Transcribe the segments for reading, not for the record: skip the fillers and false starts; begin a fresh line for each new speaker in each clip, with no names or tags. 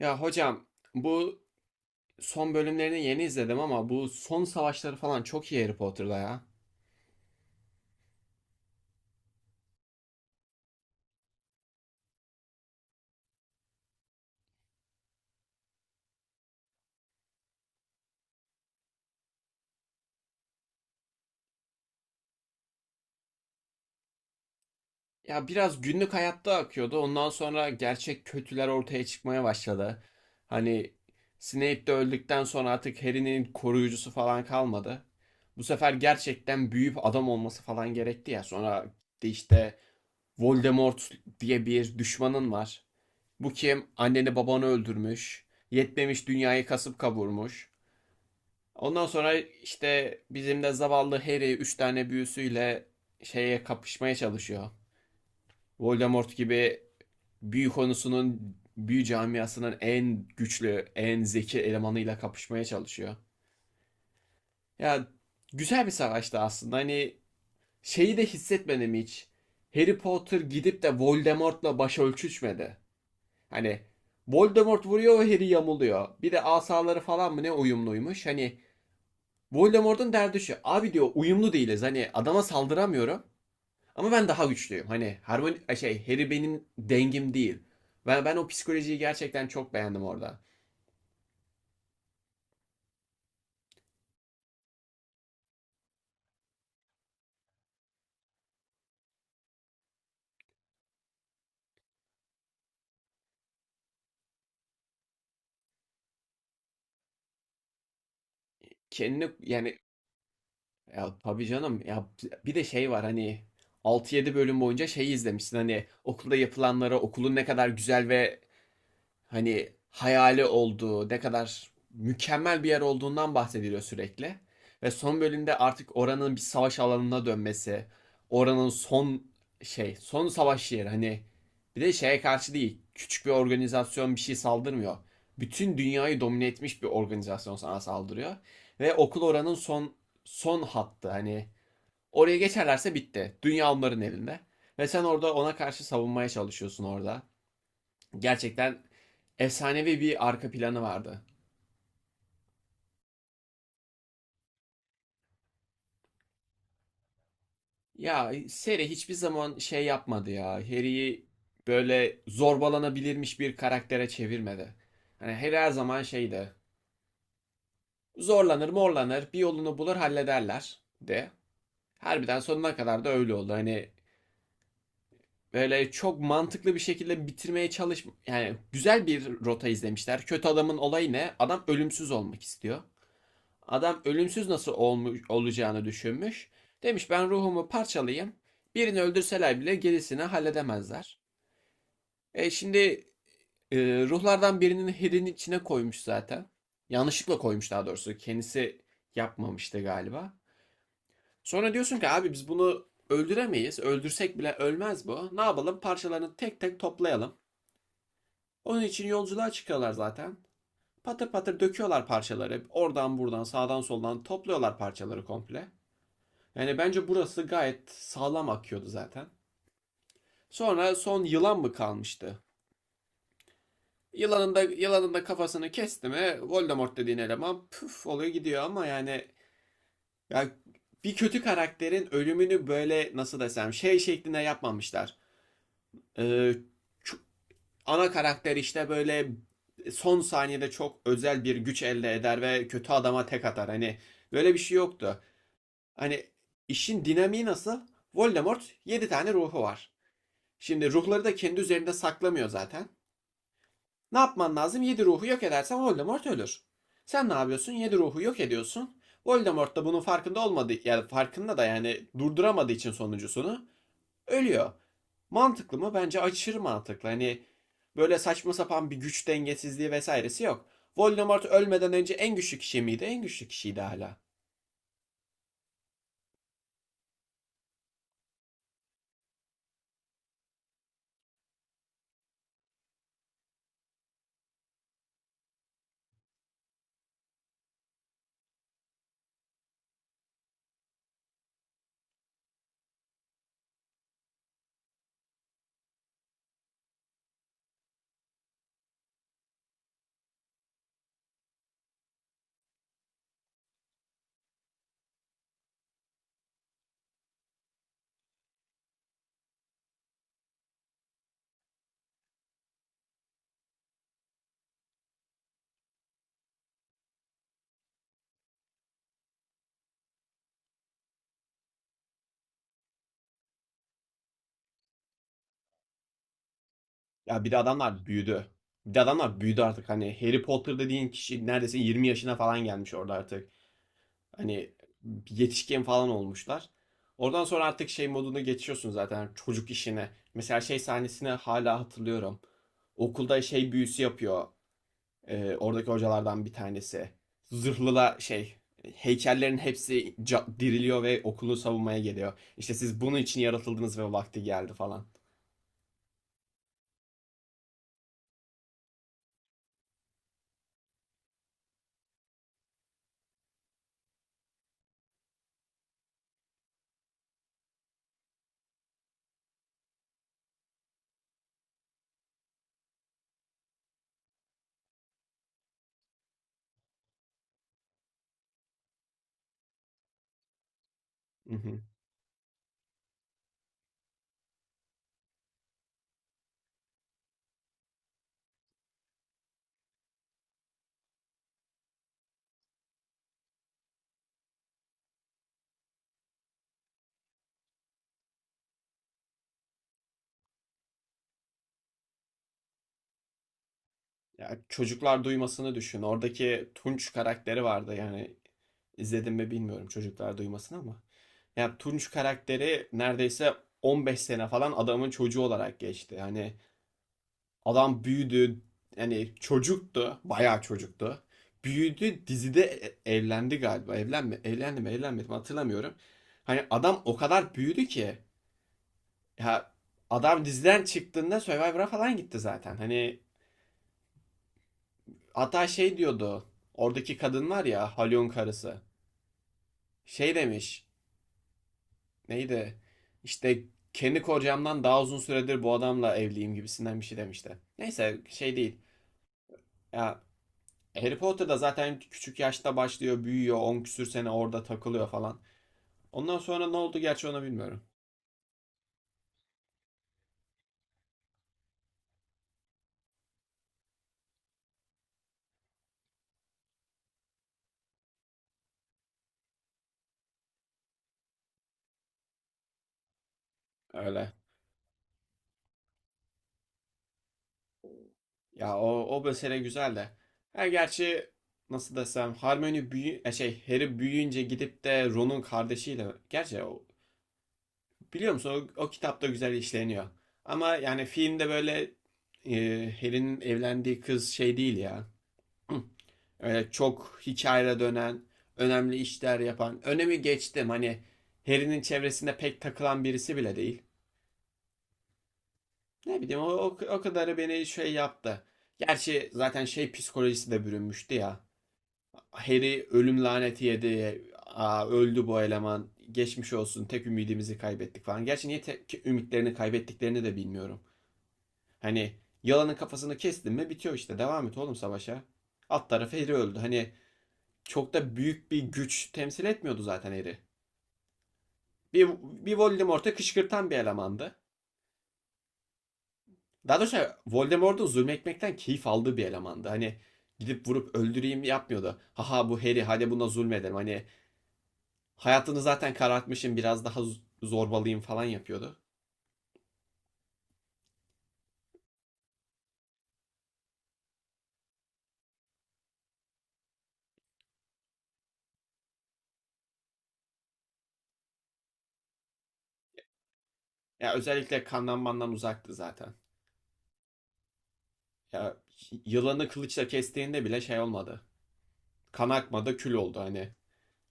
Ya hocam bu son bölümlerini yeni izledim ama bu son savaşları falan çok iyi Harry Potter'da ya. Ya biraz günlük hayatta akıyordu. Ondan sonra gerçek kötüler ortaya çıkmaya başladı. Hani Snape de öldükten sonra artık Harry'nin koruyucusu falan kalmadı. Bu sefer gerçekten büyüyüp adam olması falan gerekti ya. Sonra de işte Voldemort diye bir düşmanın var. Bu kim? Anneni babanı öldürmüş. Yetmemiş dünyayı kasıp kavurmuş. Ondan sonra işte bizim de zavallı Harry 3 tane büyüsüyle şeye kapışmaya çalışıyor. Voldemort gibi büyü konusunun büyü camiasının en güçlü, en zeki elemanıyla kapışmaya çalışıyor. Ya güzel bir savaştı aslında. Hani şeyi de hissetmedim hiç. Harry Potter gidip de Voldemort'la baş ölçüşmedi. Hani Voldemort vuruyor ve Harry yamuluyor. Bir de asaları falan mı ne uyumluymuş. Hani Voldemort'un derdi şu. Abi diyor uyumlu değiliz. Hani adama saldıramıyorum. Ama ben daha güçlüyüm. Hani harmoni şey Harry benim dengim değil. Ben o psikolojiyi gerçekten çok beğendim orada. Kendini yani ya tabii canım ya bir de şey var hani altı yedi bölüm boyunca şey izlemişsin hani okulda yapılanlara okulun ne kadar güzel ve hani hayali olduğu, ne kadar mükemmel bir yer olduğundan bahsediliyor sürekli. Ve son bölümde artık oranın bir savaş alanına dönmesi, oranın son savaş yeri hani bir de şeye karşı değil, küçük bir organizasyon bir şey saldırmıyor. Bütün dünyayı domine etmiş bir organizasyon sana saldırıyor ve okul oranın son hattı hani oraya geçerlerse bitti. Dünya onların elinde. Ve sen orada ona karşı savunmaya çalışıyorsun orada. Gerçekten efsanevi bir arka planı vardı. Ya seri hiçbir zaman şey yapmadı ya. Harry'i böyle zorbalanabilirmiş bir karaktere çevirmedi. Hani Harry her zaman şeydi. Zorlanır morlanır bir yolunu bulur hallederler de. Harbiden sonuna kadar da öyle oldu. Hani böyle çok mantıklı bir şekilde bitirmeye çalış yani güzel bir rota izlemişler. Kötü adamın olayı ne? Adam ölümsüz olmak istiyor. Adam ölümsüz nasıl olmuş, olacağını düşünmüş. Demiş ben ruhumu parçalayayım. Birini öldürseler bile gerisini halledemezler. E şimdi e, ruhlardan birinin hedinin içine koymuş zaten. Yanlışlıkla koymuş daha doğrusu. Kendisi yapmamıştı galiba. Sonra diyorsun ki abi biz bunu öldüremeyiz. Öldürsek bile ölmez bu. Ne yapalım? Parçalarını tek tek toplayalım. Onun için yolculuğa çıkıyorlar zaten. Patır patır döküyorlar parçaları. Oradan buradan sağdan soldan topluyorlar parçaları komple. Yani bence burası gayet sağlam akıyordu zaten. Sonra son yılan mı kalmıştı? Yılanın da kafasını kesti mi Voldemort dediğin eleman püf oluyor gidiyor ama yani ya bir kötü karakterin ölümünü böyle nasıl desem şey şeklinde yapmamışlar. Ee, ana karakter işte böyle son saniyede çok özel bir güç elde eder ve kötü adama tek atar. Hani böyle bir şey yoktu. Hani işin dinamiği nasıl? Voldemort 7 tane ruhu var. Şimdi ruhları da kendi üzerinde saklamıyor zaten. Ne yapman lazım? 7 ruhu yok edersen Voldemort ölür. Sen ne yapıyorsun? 7 ruhu yok ediyorsun. Voldemort da bunun farkında olmadığı, yani farkında da yani durduramadığı için sonuncusunu ölüyor. Mantıklı mı? Bence aşırı mantıklı. Hani böyle saçma sapan bir güç dengesizliği vesairesi yok. Voldemort ölmeden önce en güçlü kişi miydi? En güçlü kişiydi hala. Ya bir de adamlar büyüdü. Bir de adamlar büyüdü artık. Hani Harry Potter dediğin kişi neredeyse 20 yaşına falan gelmiş orada artık. Hani yetişkin falan olmuşlar. Oradan sonra artık şey moduna geçiyorsun zaten çocuk işine. Mesela şey sahnesini hala hatırlıyorum. Okulda şey büyüsü yapıyor. Oradaki hocalardan bir tanesi. Zırhlıla şey heykellerin hepsi diriliyor ve okulu savunmaya geliyor. İşte siz bunun için yaratıldınız ve vakti geldi falan. Ya çocuklar duymasını düşün. Oradaki Tunç karakteri vardı yani izledim mi bilmiyorum çocuklar duymasını ama. Ya Tunç karakteri neredeyse 15 sene falan adamın çocuğu olarak geçti. Hani adam büyüdü yani çocuktu bayağı çocuktu. Büyüdü dizide evlendi galiba. Evlendi mi evlenmedi mi hatırlamıyorum. Hani adam o kadar büyüdü ki ya adam diziden çıktığında Survivor'a falan gitti zaten. Hani hatta şey diyordu. Oradaki kadın var ya Halyon karısı. Şey demiş. Neydi? İşte kendi kocamdan daha uzun süredir bu adamla evliyim gibisinden bir şey demişti. Neyse şey değil. Ya Harry Potter'da zaten küçük yaşta başlıyor, büyüyor, 10 küsür sene orada takılıyor falan. Ondan sonra ne oldu gerçi onu bilmiyorum. Öyle. Ya o mesele güzel de. Ha gerçi nasıl desem Hermione büyü şey Harry büyüyünce gidip de Ron'un kardeşiyle gerçi biliyor musun o kitapta güzel işleniyor. Ama yani filmde böyle e, Harry'nin evlendiği kız şey değil ya. Öyle çok hikayeye dönen, önemli işler yapan. Önemi geçtim hani Harry'nin çevresinde pek takılan birisi bile değil. Ne bileyim o kadarı beni şey yaptı. Gerçi zaten şey psikolojisi de bürünmüştü ya. Harry ölüm laneti yedi. Aa, öldü bu eleman. Geçmiş olsun. Tek ümidimizi kaybettik falan. Gerçi niye tek ümitlerini kaybettiklerini de bilmiyorum. Hani yalanın kafasını kestin mi bitiyor işte. Devam et oğlum savaşa. Alt tarafı Harry öldü. Hani çok da büyük bir güç temsil etmiyordu zaten Harry. Bir Voldemort'u kışkırtan bir elemandı. Daha doğrusu Voldemort'un zulmetmekten keyif aldığı bir elemandı. Hani gidip vurup öldüreyim yapmıyordu. Haha bu Harry hadi buna zulmedelim. Hani hayatını zaten karartmışım biraz daha zorbalıyım falan yapıyordu. Ya özellikle kandan mandan uzaktı zaten. Ya yılanı kılıçla kestiğinde bile şey olmadı. Kan akmadı, kül oldu hani.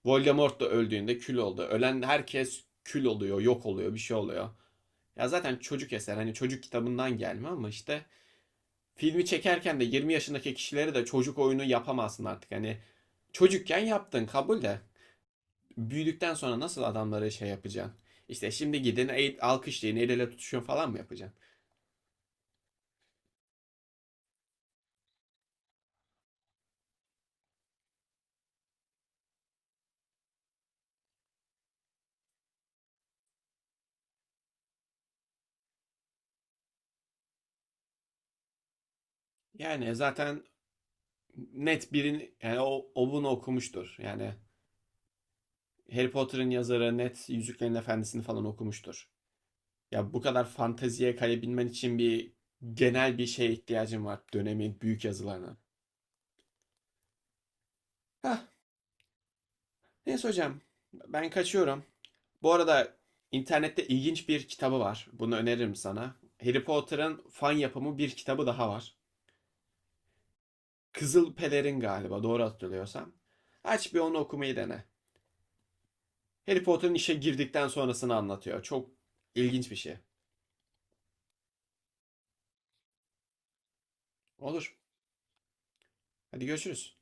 Voldemort da öldüğünde kül oldu. Ölen herkes kül oluyor, yok oluyor, bir şey oluyor. Ya zaten çocuk eser hani çocuk kitabından gelme ama işte filmi çekerken de 20 yaşındaki kişilere de çocuk oyunu yapamazsın artık. Hani çocukken yaptın kabul de büyüdükten sonra nasıl adamları şey yapacaksın? İşte şimdi gidin alkışlayın el ele tutuşun falan mı yapacaksın? Yani zaten net birin yani o bunu okumuştur. Yani Harry Potter'ın yazarı net Yüzüklerin Efendisi'ni falan okumuştur. Ya bu kadar fanteziye kayabilmen için bir genel bir şeye ihtiyacın var. Dönemin büyük yazılarına. Hah, neyse hocam. Ben kaçıyorum. Bu arada internette ilginç bir kitabı var. Bunu öneririm sana. Harry Potter'ın fan yapımı bir kitabı daha var. Kızıl Pelerin galiba doğru hatırlıyorsam. Aç bir onu okumayı dene. Harry Potter'ın işe girdikten sonrasını anlatıyor. Çok ilginç bir şey. Olur. Hadi görüşürüz.